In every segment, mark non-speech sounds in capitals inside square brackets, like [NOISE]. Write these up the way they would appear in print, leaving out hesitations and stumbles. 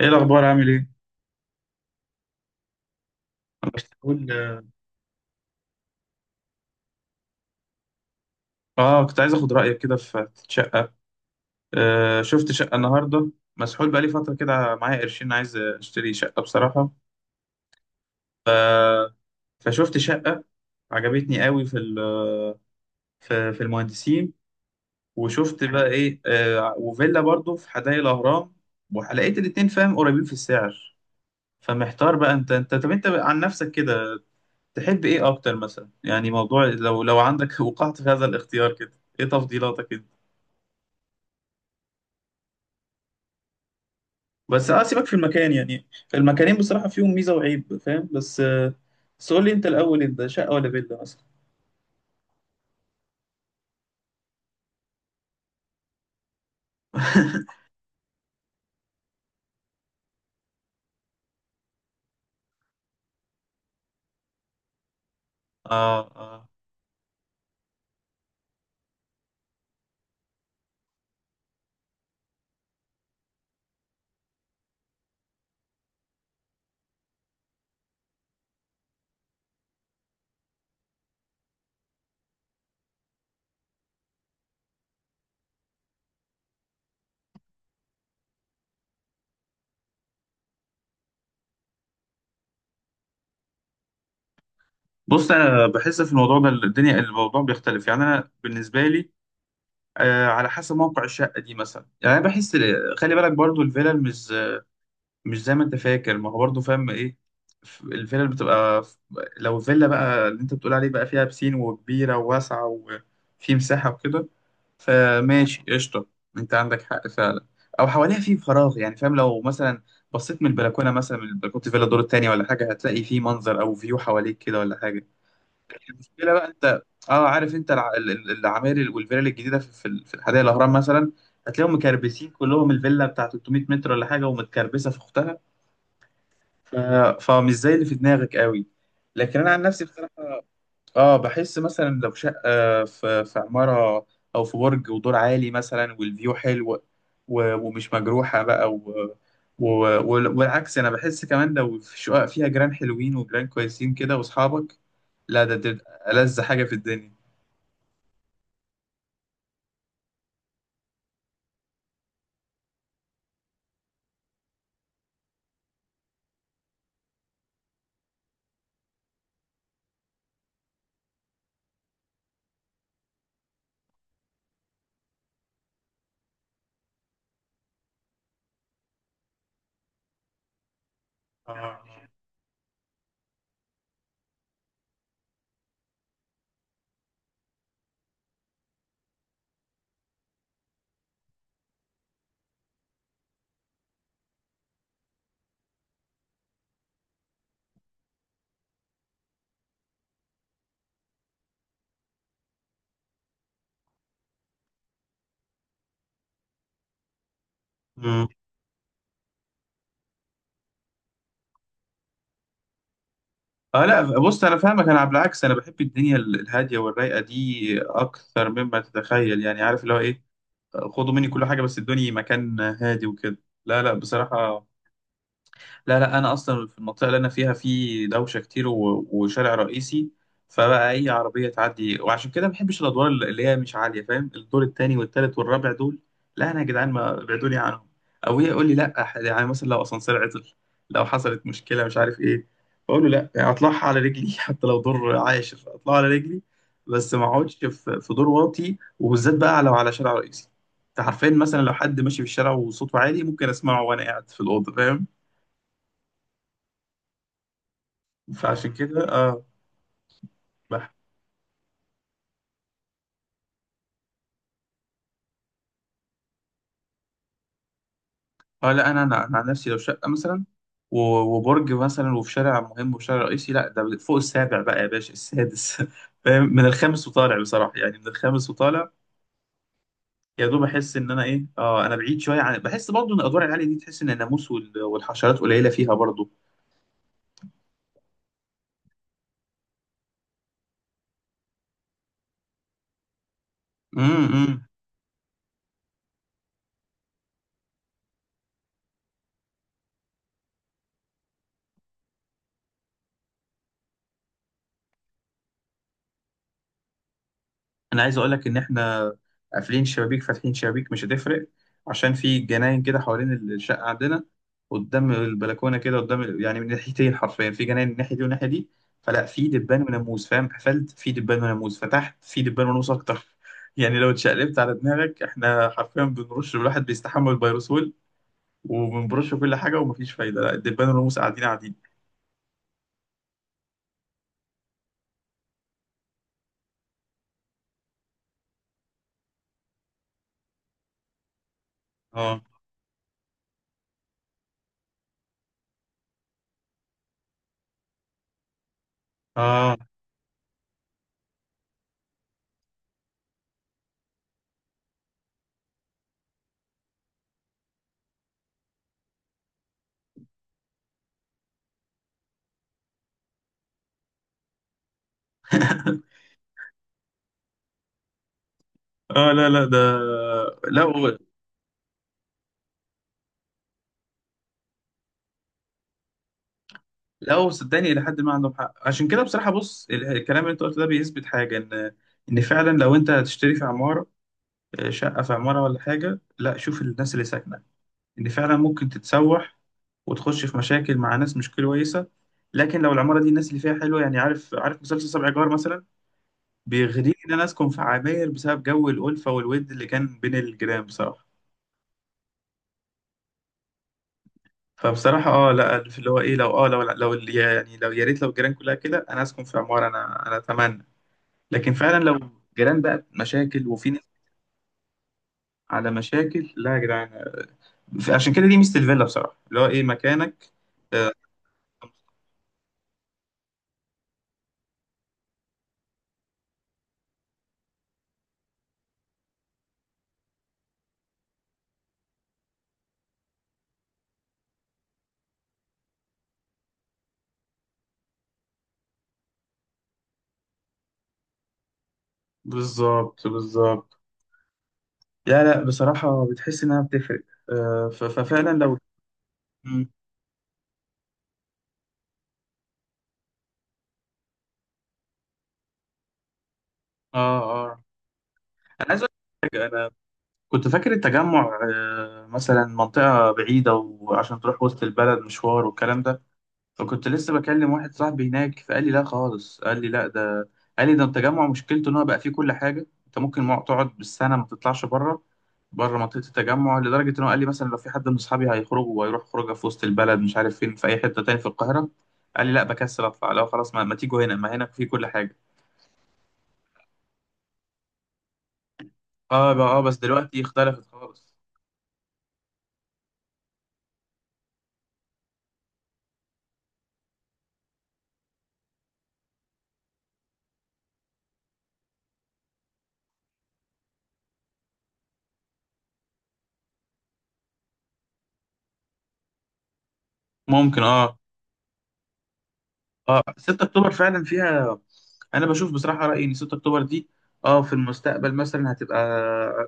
ايه الاخبار؟ عامل ايه؟ انا كنت بقول. اه كنت عايز اخد رايك كده في شقه. شفت شقه النهارده. مسحول بقالي فتره كده، معايا قرشين عايز اشتري شقه بصراحه. فشفت شقه عجبتني قوي في المهندسين، وشفت بقى ايه وفيلا برضو في حدائق الاهرام. ولقيت الاتنين فاهم قريبين في السعر. فمحتار بقى، انت طب انت عن نفسك كده، تحب ايه اكتر مثلا؟ يعني موضوع لو عندك [LAUGHS] وقعت في هذا الاختيار كده، ايه تفضيلاتك؟ بس سيبك في المكان يعني، المكانين بصراحة فيهم ميزة وعيب فاهم، بس قول لي انت الاول، انت شقة ولا فيلا مثلا؟ [LAUGHS] آه، آه. بص، أنا بحس في الموضوع ده الدنيا الموضوع بيختلف، يعني أنا بالنسبة لي، على حسب موقع الشقة دي مثلا. يعني أنا بحس، خلي بالك برضو الفيلا مش زي ما انت فاكر، ما هو برضه فاهم ايه. الفيلا اللي بتبقى لو الفيلا بقى اللي انت بتقول عليه بقى فيها بسين وكبيرة وواسعة وفي مساحة وكده، فماشي قشطة، انت عندك حق فعلا. او حواليها في فراغ، يعني فاهم لو مثلا بصيت من البلكونة مثلا، من البلكونة فيلا الدور التاني ولا حاجة هتلاقي في منظر او فيو حواليك كده ولا حاجة. المشكلة بقى انت، اه عارف انت العماير والفلل الجديدة في الحدائق الاهرام مثلا هتلاقيهم مكربسين كلهم، الفيلا بتاع 300 متر ولا حاجة ومتكربسة في اختها. ف... فمش زي اللي في دماغك قوي. لكن انا عن نفسي بصراحه اه بحس مثلا لو شقه في عماره، او في برج ودور عالي مثلا والفيو حلو ومش مجروحه بقى و... والعكس، انا بحس كمان لو في شقق فيها جيران حلوين وجيران كويسين كده واصحابك، لا ده تبقى ألذ حاجه في الدنيا. اه. مم. آه، لا بص انا فاهمك، انا على العكس انا بحب الدنيا الهاديه والرايقه دي اكثر مما تتخيل، يعني عارف اللي هو ايه، خدوا مني كل حاجة بس ادوني مكان هادي وكده. لا، لا بصراحة. لا، لا انا اصلا في المنطقه اللي انا فيها في دوشه كتير وشارع رئيسي، فبقى اي عربيه تعدي، وعشان كده ما بحبش الادوار اللي هي مش عاليه فاهم، الدور التاني والتالت والرابع دول، لا انا يا جدعان ما ابعدوني عنهم. او هي يقول لي لا يعني مثلا لو اسانسير عطل، لو حصلت مشكله مش عارف ايه، بقول له لا، يعني اطلعها على رجلي [LAUGHS] حتى لو دور عاشر اطلعها على رجلي، بس ما اقعدش في في دور واطي، وبالذات بقى لو على شارع رئيسي. انت عارفين مثلا لو حد ماشي في الشارع وصوته عالي، ممكن اسمعه وانا قاعد في الاوضه فاهم. فعشان كده اه بح... اه لا انا انا أنا عن نفسي لو شقه مثلا و- وبرج مثلا وفي شارع مهم وشارع رئيسي، لا ده فوق السابع بقى يا باشا، السادس [LAUGHS] فاهم من الخامس وطالع بصراحه، يعني من الخامس وطالع يا دوب. احس ان انا ايه انا بعيد شويه عن، بحس برضه ان الادوار العاليه دي، تحس ان الناموس والحشرات قليله فيها برضه. إمم، إمم. انا عايز اقول لك ان احنا قافلين شبابيك فاتحين شبابيك مش هتفرق، عشان في جناين كده حوالين الشقه عندنا، قدام البلكونه كده، يعني من ناحيتين حرفيا في جناين، من الناحيه دي والناحيه دي، فلا في دبان وناموس فاهم، قفلت في دبان وناموس، فتحت في دبان وناموس اكتر [LAUGHS] يعني لو اتشقلبت على دماغك احنا حرفيا بنرش، الواحد بيستحمل الفيروسول وبنبرش كل حاجه ومفيش فايده، لا الدبان والناموس قاعدين قاعدين. اه، اه [LAUGHS] اه لا، لا ده. لا، لا هو صدقني الى حد ما عندهم حق. عشان كده بصراحه بص الكلام اللي انت قلته ده بيثبت حاجه، ان فعلا لو انت هتشتري في عماره، آه، شقه في عماره ولا حاجه، لا شوف الناس اللي ساكنه، ان فعلا ممكن تتسوح وتخش في مشاكل مع ناس مش كويسه. لكن لو العماره دي الناس اللي فيها حلوه، يعني عارف عارف مسلسل سبع جار مثلا، بيغريني ان انا اسكن في عماير بسبب جو الالفه والود اللي كان بين الجيران بصراحه. فبصراحه لا، في اللي هو ايه، لو يعني لو، يا ريت لو الجيران كلها كده، انا اسكن في عماره، انا اتمنى. لكن فعلا لو جيران بقى مشاكل وفي ناس على مشاكل، لا يا جدعان. عشان كده دي ميزة الفيلا بصراحة اللي هو ايه، مكانك. آه، بالظبط، بالظبط. لا، لا بصراحة بتحس إنها بتفرق. ففعلا لو. مم. اه، اه. أنا عايز أقول لك حاجة، أنا كنت فاكر التجمع آه، مثلا منطقة بعيدة وعشان تروح وسط البلد مشوار والكلام ده. فكنت لسه بكلم واحد صاحبي هناك فقال لي لا خالص، قال لي لا ده، قال لي ده التجمع مشكلته ان هو بقى فيه كل حاجه، انت ممكن تقعد بالسنه ما تطلعش بره، بره منطقه التجمع، لدرجه ان هو قال لي مثلا لو في حد من اصحابي هيخرجوا وهيروح خروجه في وسط البلد مش عارف فين، في اي حته تاني في القاهره، قال لي لا بكسل اطلع، لو خلاص ما تيجوا هنا ما هناك فيه كل حاجه. اه بقى بس دلوقتي اختلفت خالص. ممكن. اه اه 6 اكتوبر فعلا فيها، انا بشوف بصراحه رايي ان 6 اكتوبر دي اه في المستقبل مثلا هتبقى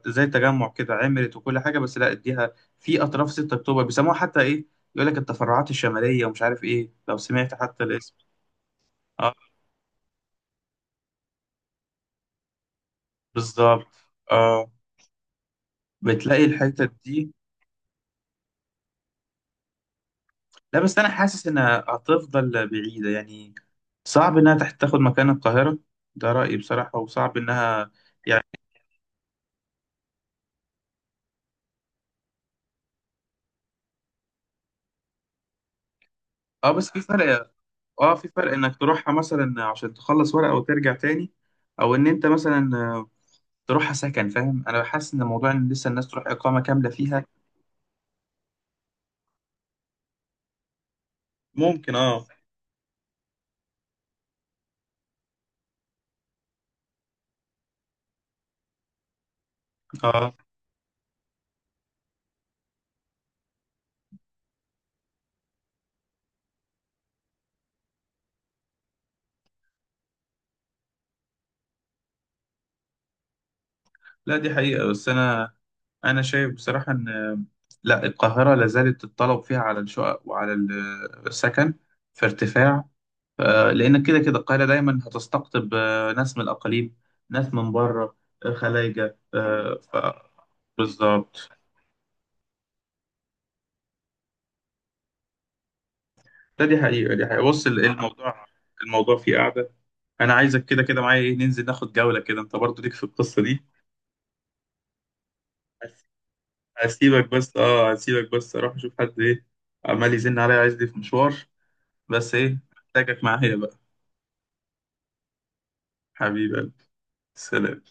زي تجمع كده، عملت وكل حاجه، بس لا اديها. في اطراف 6 اكتوبر بيسموها حتى ايه، يقول لك التفرعات الشماليه ومش عارف ايه لو سمعت حتى الاسم. اه، بالظبط. اه، بتلاقي الحته دي. لا بس انا حاسس انها هتفضل بعيده يعني، صعب انها تاخد مكان القاهره، ده رايي بصراحه، وصعب انها يعني. اه بس في فرق، اه في فرق انك تروحها مثلا عشان تخلص ورقة وترجع تاني، او ان انت مثلا آه، تروحها سكن فاهم. انا بحس ان موضوع ان لسه الناس تروح اقامة كاملة فيها. ممكن. اه اه لا دي حقيقة. بس انا، انا شايف بصراحة ان آه، لا القاهرة لازالت الطلب فيها على الشقق آه، السكن في ارتفاع. آه، لان كده كده القاهرة دايما هتستقطب آه، ناس من الاقاليم، ناس من بره، آه، خلايجة آه، ف. بالظبط. لا دي حقيقة، دي حقيقة، بص الموضوع، الموضوع فيه قاعدة. أنا عايزك كده كده معايا إيه، ننزل ناخد جولة كده، أنت برضو ليك في القصة دي. هس- هسيبك بس، هسيبك بس أروح أشوف حد إيه، عمال يزن عليا عايز دي، في مشوار، بس إيه محتاجك معايا بقى. حبيبي، سلام.